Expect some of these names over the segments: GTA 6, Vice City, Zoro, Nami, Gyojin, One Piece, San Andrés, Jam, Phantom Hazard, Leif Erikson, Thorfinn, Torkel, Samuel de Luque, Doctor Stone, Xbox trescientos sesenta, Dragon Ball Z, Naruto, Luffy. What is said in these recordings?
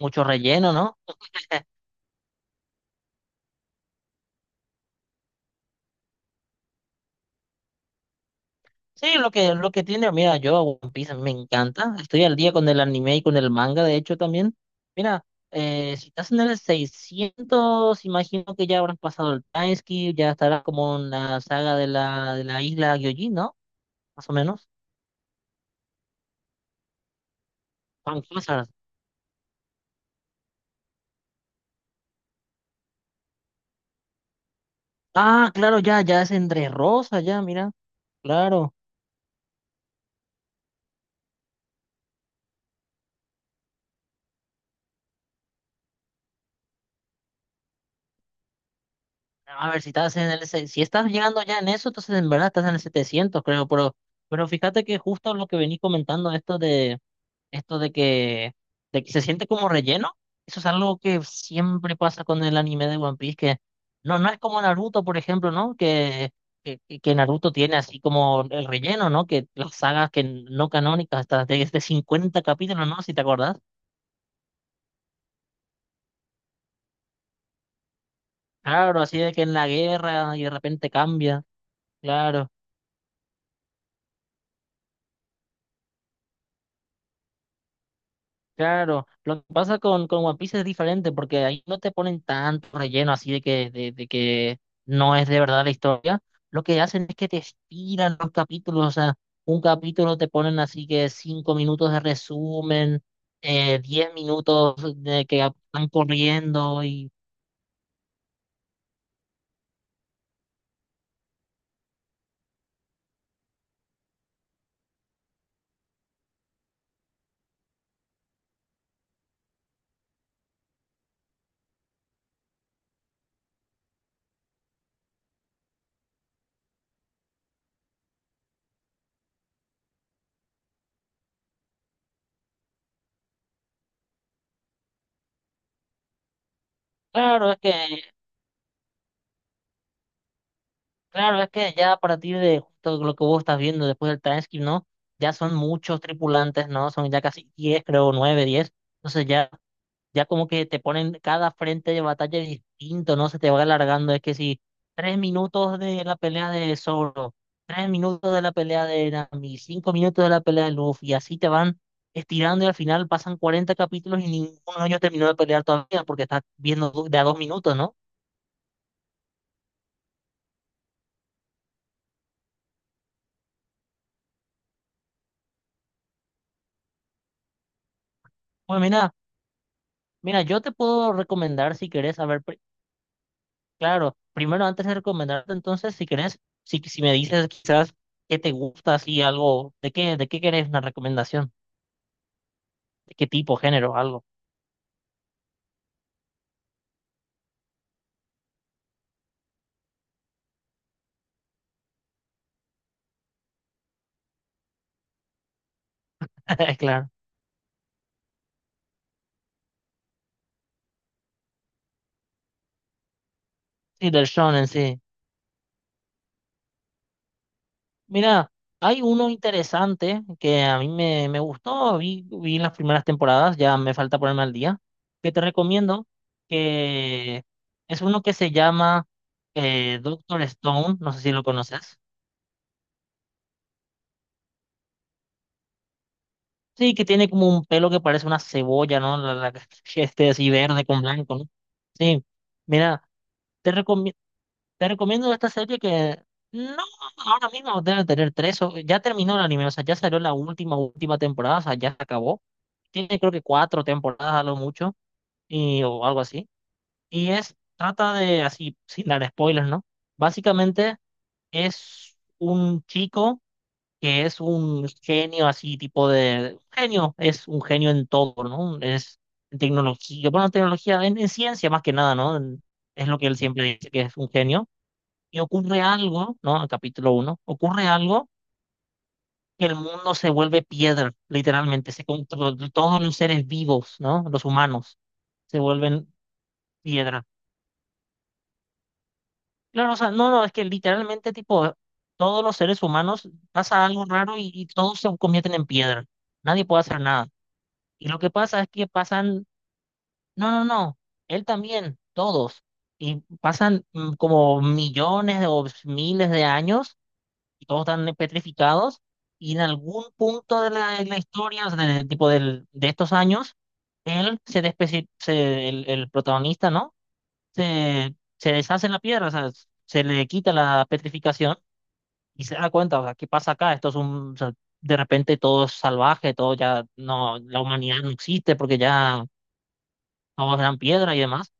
Mucho relleno, ¿no? Sí, lo que tiene, mira, yo a One Piece me encanta. Estoy al día con el anime y con el manga, de hecho, también. Mira, si estás en el 600, imagino que ya habrán pasado el Timeskip, ya estará como en la saga de la, isla Gyojin, ¿no? Más o menos. Phantom Hazard. Ah, claro, ya, ya es entre Rosa, ya, mira. Claro. A ver, si estás en el, se- si estás llegando ya en eso, entonces en verdad estás en el 700, creo, pero, fíjate que justo lo que venís comentando, esto de esto de que se siente como relleno. Eso es algo que siempre pasa con el anime de One Piece, que no es como Naruto, por ejemplo, ¿no? Que Naruto tiene así como el relleno, ¿no? Que las sagas que no canónicas, hasta de 50 capítulos, ¿no? Si te acordás. Claro, así de que en la guerra y de repente cambia. Claro. Claro, lo que pasa con, One Piece es diferente porque ahí no te ponen tanto relleno así de que no es de verdad la historia. Lo que hacen es que te estiran los capítulos, o sea, un capítulo te ponen así que 5 minutos de resumen, 10 minutos de que van corriendo y claro, es que, claro, es que ya a partir de justo lo que vos estás viendo después del transcript, ¿no? Ya son muchos tripulantes, ¿no? Son ya casi 10, creo, 9, 10. Entonces ya ya como que te ponen cada frente de batalla distinto, ¿no? Se te va alargando. Es que si 3 minutos de la pelea de Zoro, 3 minutos de la pelea de Nami, 5 minutos de la pelea de Luffy, y así te van estirando y al final pasan 40 capítulos y ninguno de ellos terminó de pelear todavía porque estás viendo de a 2 minutos, ¿no? Pues mira, yo te puedo recomendar si querés saber, claro, primero antes de recomendarte, entonces, si querés, si me dices quizás qué te gusta, así algo, ¿de qué querés una recomendación? ¿De qué tipo, género, algo? Claro. Sí, del shonen, sí. Mira, hay uno interesante que a mí me gustó, vi las primeras temporadas, ya me falta ponerme al día, que te recomiendo, que es uno que se llama Doctor Stone, no sé si lo conoces. Sí, que tiene como un pelo que parece una cebolla, ¿no? Este así verde con blanco, ¿no? Sí, mira, te recomiendo, Te recomiendo esta serie que no, ahora mismo debe tener tres, o, ya terminó el anime, o sea, ya salió la última, última temporada, o sea, ya se acabó. Tiene creo que 4 temporadas a lo mucho, y, o algo así. Y es, trata de, así, sin dar spoilers, ¿no? Básicamente es un chico que es un genio así, tipo de, genio, es un genio en todo, ¿no? Es en tecnología, bueno, tecnología, en ciencia más que nada, ¿no? Es lo que él siempre dice, que es un genio y ocurre algo, ¿no? En capítulo uno ocurre algo que el mundo se vuelve piedra, literalmente, todos los seres vivos, ¿no? Los humanos se vuelven piedra. Claro, o sea, no, es que literalmente, tipo, todos los seres humanos pasa algo raro y, todos se convierten en piedra. Nadie puede hacer nada. Y lo que pasa es que pasan, no, no, no, él también, todos. Y pasan como millones de- o miles de años y todos están petrificados. Y en algún punto de la, historia, o sea, de, tipo del, de estos años, él el protagonista, ¿no? Se deshace en la piedra, o sea, se le quita la petrificación y se da cuenta, o sea, ¿qué pasa acá? Esto es un, o sea, de repente todo es salvaje, todo ya no, la humanidad no existe porque ya todos eran piedra y demás.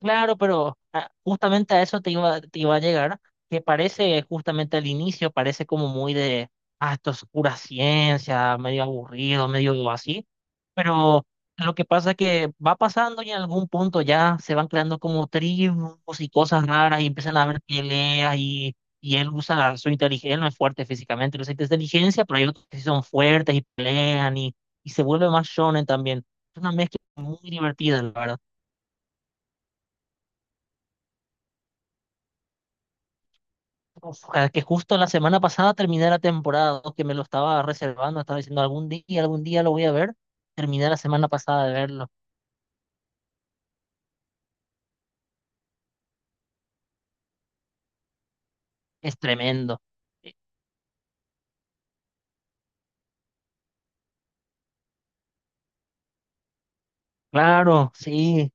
Claro, pero justamente a eso te iba a llegar, que parece justamente al inicio, parece como muy de, esto es pura ciencia, medio aburrido, medio así, pero lo que pasa es que va pasando y en algún punto ya se van creando como tribus y cosas raras y empiezan a haber peleas y, él usa su inteligencia, él no es fuerte físicamente, él usa inteligencia, pero hay otros que sí son fuertes y pelean y, se vuelve más shonen también. Es una mezcla muy divertida, la verdad. Ojalá que justo la semana pasada terminé la temporada, ¿no? Que me lo estaba reservando, estaba diciendo algún día lo voy a ver. Terminé la semana pasada de verlo. Es tremendo. Eh, Claro, sí.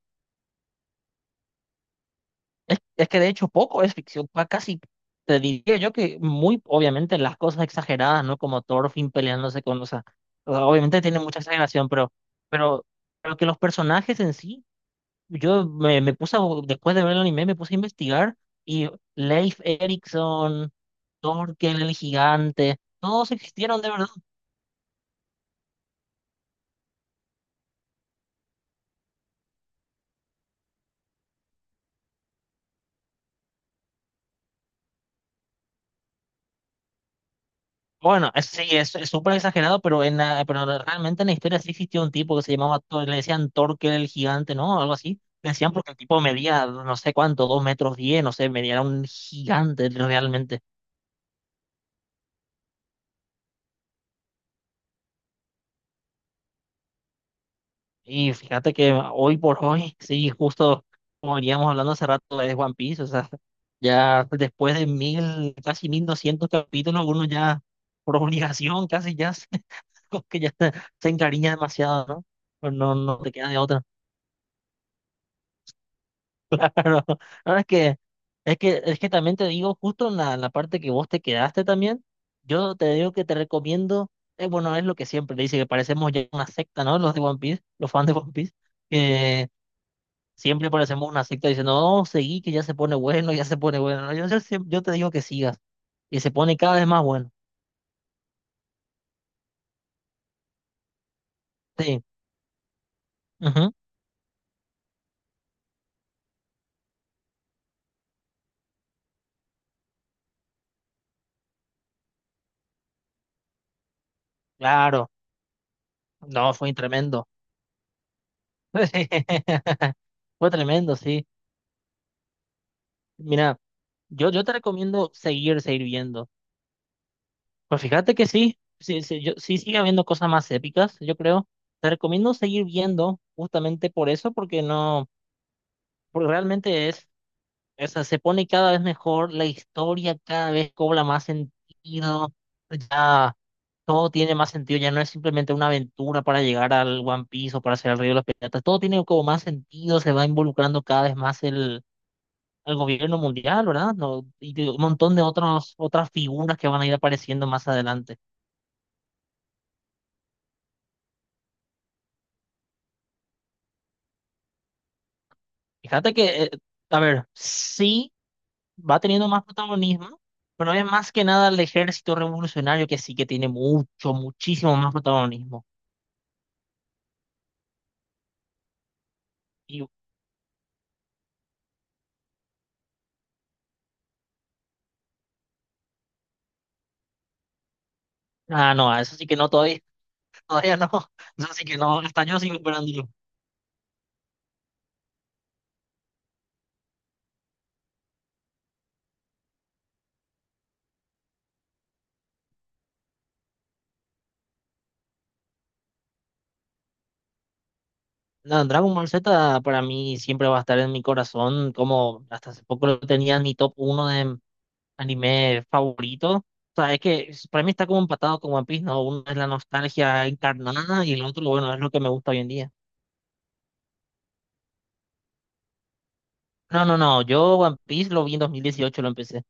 Es que de hecho poco es ficción, casi te diría yo que muy, obviamente, las cosas exageradas, ¿no? Como Thorfinn peleándose con, o sea, obviamente tiene mucha exageración, pero, pero, pero que los personajes en sí. Yo me puse, después de ver el anime, me puse a investigar y Leif Erikson, Torkel el gigante, todos existieron de verdad. Bueno, sí, es súper exagerado, pero realmente en la historia sí existió un tipo que se llamaba, le decían Torkel el gigante, ¿no? Algo así. Le decían porque el tipo medía no sé cuánto, 2,10 metros, no sé, medía era un gigante realmente. Y fíjate que hoy por hoy, sí, justo como veníamos hablando hace rato de One Piece, o sea, ya después de 1000, casi 1200 capítulos, uno ya por obligación casi ya se, como que ya se encariña demasiado, ¿no? Pues no, no te queda de otra. Claro. Ahora es que también te digo, justo en la, parte que vos te quedaste también, yo te digo que te recomiendo, bueno, es lo que siempre le dice, que parecemos ya una secta, ¿no? Los de One Piece, los fans de One Piece. Siempre parecemos una secta diciendo, no, seguí, que ya se pone bueno, ya se pone bueno. No, yo te digo que sigas. Y se pone cada vez más bueno. Sí. Ujú. Claro. No, fue tremendo. Fue tremendo, sí. Mira, yo te recomiendo seguir viendo. Pues fíjate que sí, sí, sí, yo, sí sigue habiendo cosas más épicas, yo creo. Te recomiendo seguir viendo justamente por eso, porque no, porque realmente es. O sea, se pone cada vez mejor, la historia cada vez cobra más sentido, ya todo tiene más sentido, ya no es simplemente una aventura para llegar al One Piece o para hacer el Río de los Piratas, todo tiene como más sentido, se va involucrando cada vez más el, gobierno mundial, ¿verdad? No, y un montón de otros, otras figuras que van a ir apareciendo más adelante. Fíjate que, a ver, sí va teniendo más protagonismo. Pero es más que nada el ejército revolucionario que sí que tiene mucho, muchísimo más protagonismo. Ah, no, a eso sí que no, todavía, todavía no. Eso sí que no, hasta yo sigo esperándolo. No, Dragon Ball Z para mí siempre va a estar en mi corazón, como hasta hace poco lo tenía en mi top uno de anime favorito. O sea, es que para mí está como empatado con One Piece, ¿no? Uno es la nostalgia encarnada y el otro, bueno, es lo que me gusta hoy en día. No, no, no, yo One Piece lo vi en 2018, lo empecé.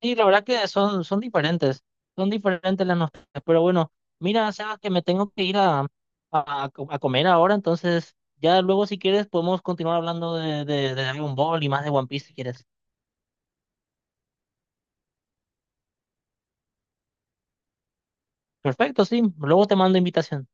Sí, la verdad que son diferentes, son diferentes las nostalgias, pero bueno, mira, Sebas, que me tengo que ir a, a comer ahora, entonces ya luego si quieres podemos continuar hablando de Dragon Ball y más de One Piece si quieres. Perfecto, sí, luego te mando invitación.